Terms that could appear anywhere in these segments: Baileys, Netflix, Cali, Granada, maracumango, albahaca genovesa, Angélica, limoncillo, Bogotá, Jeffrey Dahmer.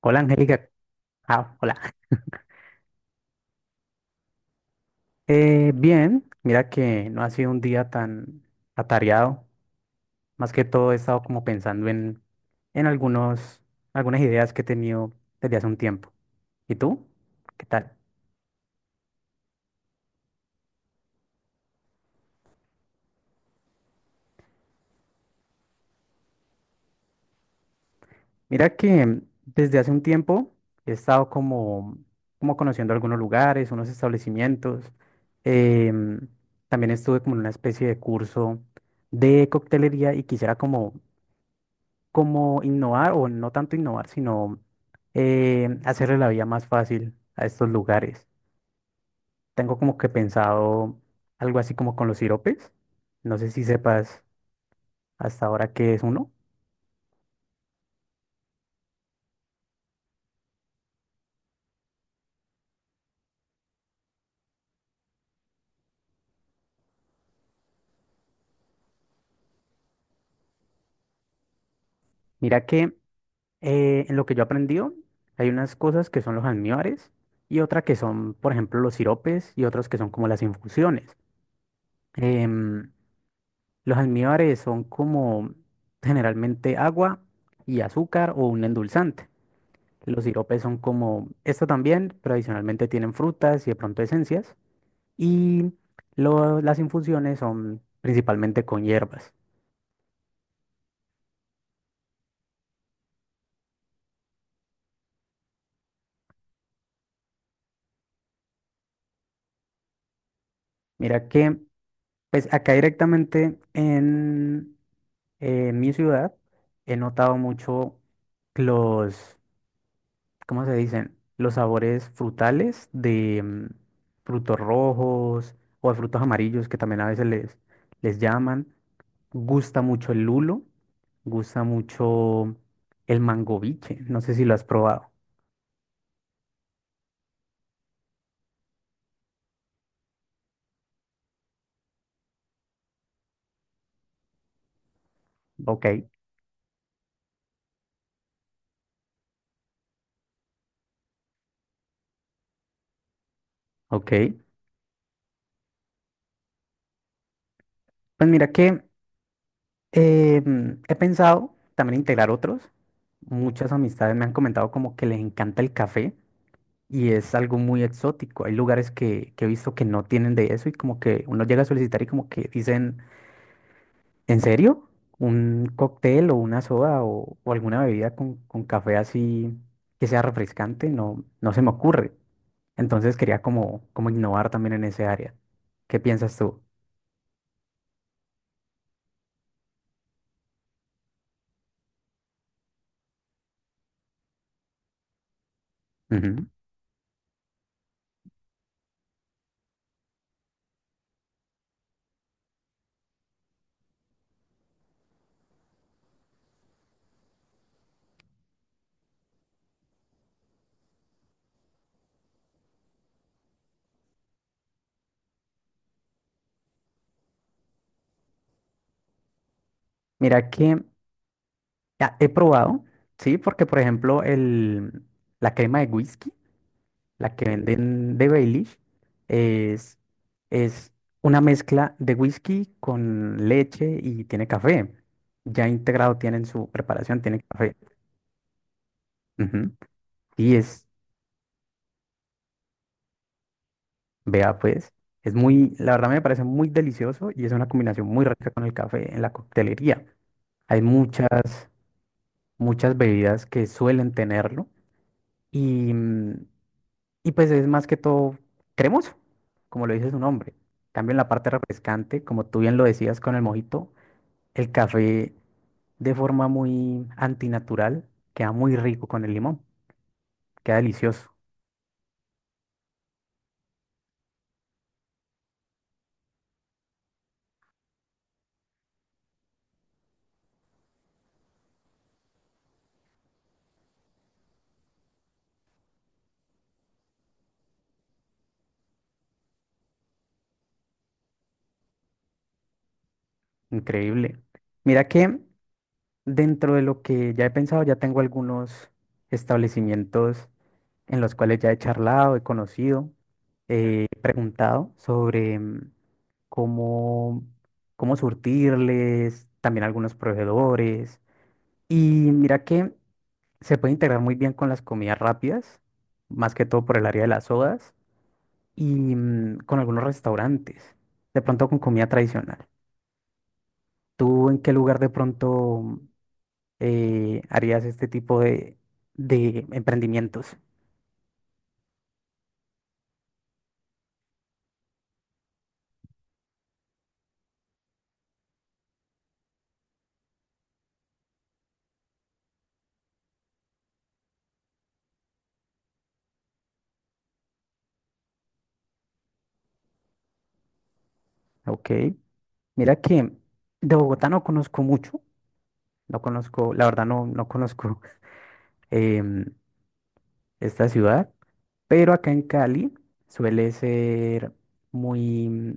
Hola Angélica, ah, hola. Bien, mira que no ha sido un día tan atareado. Más que todo he estado como pensando en algunas ideas que he tenido desde hace un tiempo. ¿Y tú? ¿Qué tal? Mira que desde hace un tiempo he estado como, como conociendo algunos lugares, unos establecimientos. Em, También estuve como en una especie de curso de coctelería y quisiera como innovar, o no tanto innovar, sino hacerle la vida más fácil a estos lugares. Tengo como que pensado algo así como con los siropes. No sé si sepas hasta ahora qué es uno. Mira que en lo que yo he aprendido, hay unas cosas que son los almíbares y otra que son, por ejemplo, los siropes y otros que son como las infusiones. Em, los almíbares son como generalmente agua y azúcar o un endulzante. Los siropes son como esto también, pero adicionalmente tienen frutas y de pronto esencias. Y las infusiones son principalmente con hierbas. Mira que, pues acá directamente en mi ciudad he notado mucho los, ¿cómo se dicen? Los sabores frutales de frutos rojos o de frutos amarillos que también a veces les llaman. Gusta mucho el lulo, gusta mucho el mangoviche. No sé si lo has probado. Ok, ok. Pues mira que he pensado también integrar otros. Muchas amistades me han comentado como que les encanta el café. Y es algo muy exótico. Hay lugares que he visto que no tienen de eso y como que uno llega a solicitar y como que dicen, ¿en serio? Un cóctel o una soda o alguna bebida con café así que sea refrescante, no se me ocurre. Entonces quería como, como innovar también en ese área. ¿Qué piensas tú? Ujú. Mira que he probado, sí, porque por ejemplo la crema de whisky. La que venden de Baileys es, es una mezcla de whisky con leche y tiene café. Ya integrado tiene en su preparación, tiene café. Ujú. Y es, vea pues, es muy, la verdad me parece muy delicioso y es una combinación muy rica con el café en la coctelería. Hay muchas bebidas que suelen tenerlo. Y pues es más que todo cremoso, como lo dice su nombre. En cambio en la parte refrescante, como tú bien lo decías con el mojito, el café de forma muy antinatural queda muy rico con el limón, queda delicioso, increíble. Mira que dentro de lo que ya he pensado, ya tengo algunos establecimientos en los cuales ya he charlado, he conocido, he preguntado sobre cómo, cómo surtirles, también algunos proveedores. Y mira que se puede integrar muy bien con las comidas rápidas, más que todo por el área de las sodas y con algunos restaurantes, de pronto con comida tradicional. ¿Tú en qué lugar de pronto harías este tipo de emprendimientos? Ok. Mira que de Bogotá no conozco mucho. No conozco, la verdad, no conozco em, esta ciudad. Pero acá en Cali suele ser muy,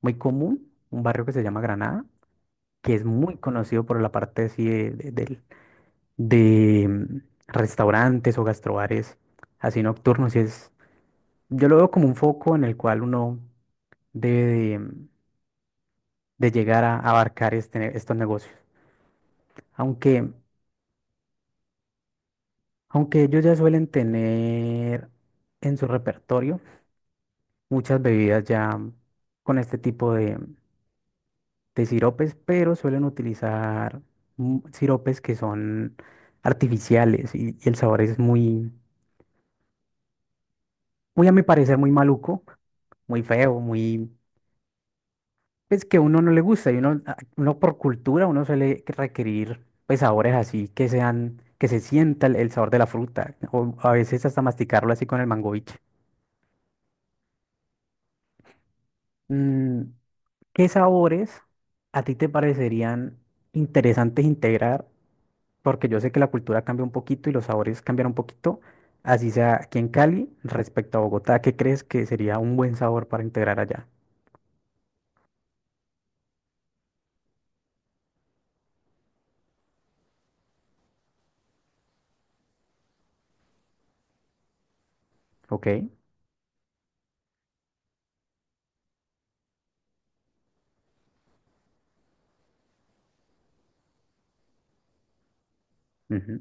muy común un barrio que se llama Granada, que es muy conocido por la parte así de restaurantes o gastrobares así nocturnos. Y es Yo lo veo como un foco en el cual uno debe de, de llegar a abarcar estos negocios. Aunque, aunque ellos ya suelen tener en su repertorio muchas bebidas ya con este tipo de siropes, pero suelen utilizar siropes que son artificiales y el sabor es muy, muy a mi parecer, muy maluco, muy feo, muy... pues que a uno no le gusta y uno por cultura uno suele requerir pues sabores así que sean, que se sienta el sabor de la fruta o a veces hasta masticarlo así con el mangoviche. Mm, ¿Qué sabores a ti te parecerían interesantes integrar? Porque yo sé que la cultura cambia un poquito y los sabores cambian un poquito, así sea aquí en Cali respecto a Bogotá, ¿qué crees que sería un buen sabor para integrar allá? Ok. Ujú.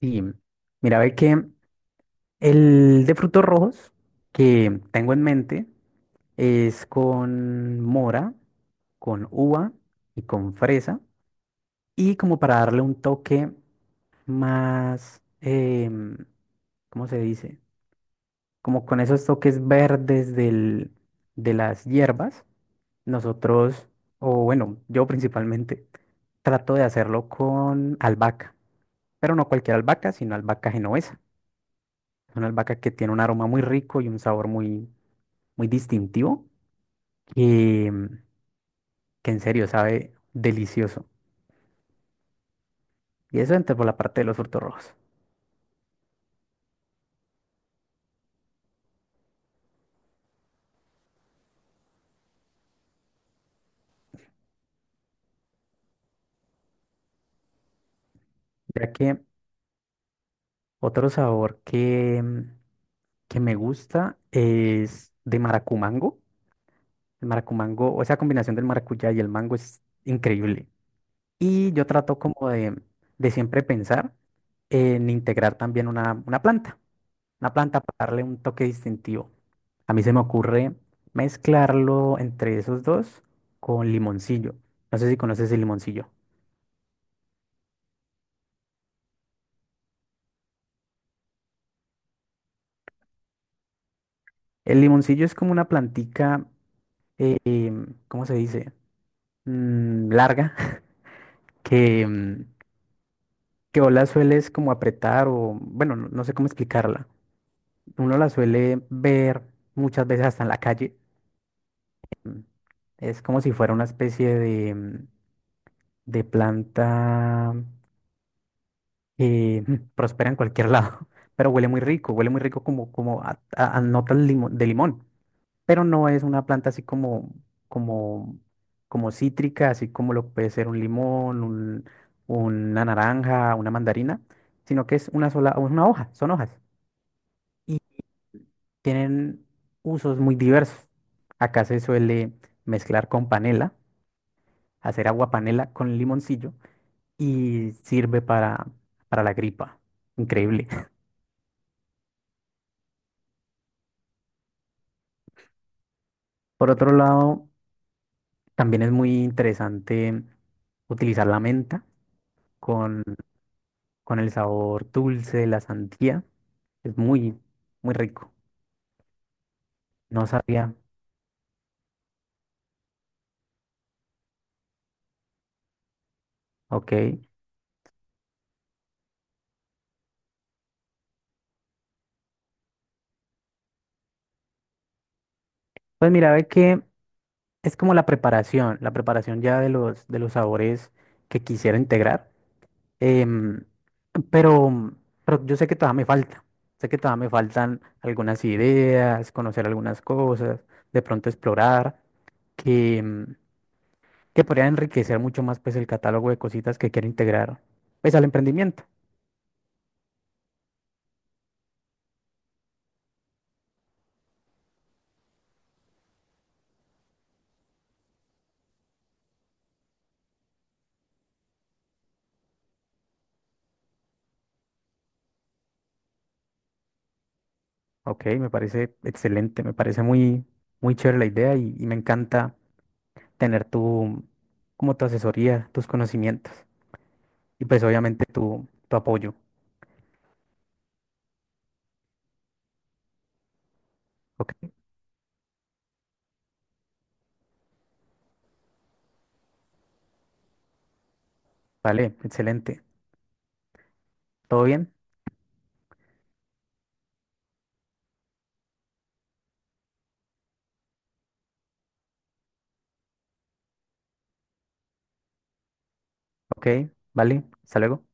Y mira, ve que el de frutos rojos que tengo en mente es con mora, con uva y con fresa. Y como para darle un toque más, ¿cómo se dice? Como con esos toques verdes de las hierbas, nosotros, o bueno, yo principalmente, trato de hacerlo con albahaca, pero no cualquier albahaca, sino albahaca genovesa. Es una albahaca que tiene un aroma muy rico y un sabor muy, muy distintivo que, mm, que en serio sabe delicioso. Y eso entra por la parte de los frutos rojos. Ya que otro sabor que me gusta es de maracumango. El maracumango, o esa combinación del maracuyá y el mango es increíble. Y yo trato como de siempre pensar en integrar también una planta para darle un toque distintivo. A mí se me ocurre mezclarlo entre esos dos con limoncillo. No sé si conoces el limoncillo. El limoncillo es como una plantica, ¿cómo se dice? Larga, que, mm, que o la sueles como apretar o, bueno, no sé cómo explicarla. Uno la suele ver muchas veces hasta en la calle. Mm, Es como si fuera una especie de, de planta y prospera en cualquier lado, pero huele muy rico como, como a notas de limón, pero no es una planta así como, como, como cítrica, así como lo puede ser un limón, una naranja, una mandarina, sino que es una sola, una hoja, son hojas y tienen usos muy diversos. Acá se suele mezclar con panela, hacer agua panela con limoncillo y sirve para la gripa. Increíble. Por otro lado, también es muy interesante utilizar la menta con, con el sabor dulce de la sandía. Es muy, muy rico. No sabía. Ok. Pues mira, ve que es como la preparación ya de los sabores que quisiera integrar. Em, pero, pero yo sé que todavía me falta. Sé que todavía me faltan algunas ideas, conocer algunas cosas, de pronto explorar. Que podría enriquecer mucho más pues el catálogo de cositas que quiero integrar pues al emprendimiento. Ok, me parece excelente, me parece muy, muy chévere la idea y me encanta tener como tu asesoría, tus conocimientos y pues obviamente tu apoyo. Ok, vale, excelente. ¿Todo bien? Ok, vale, hasta luego.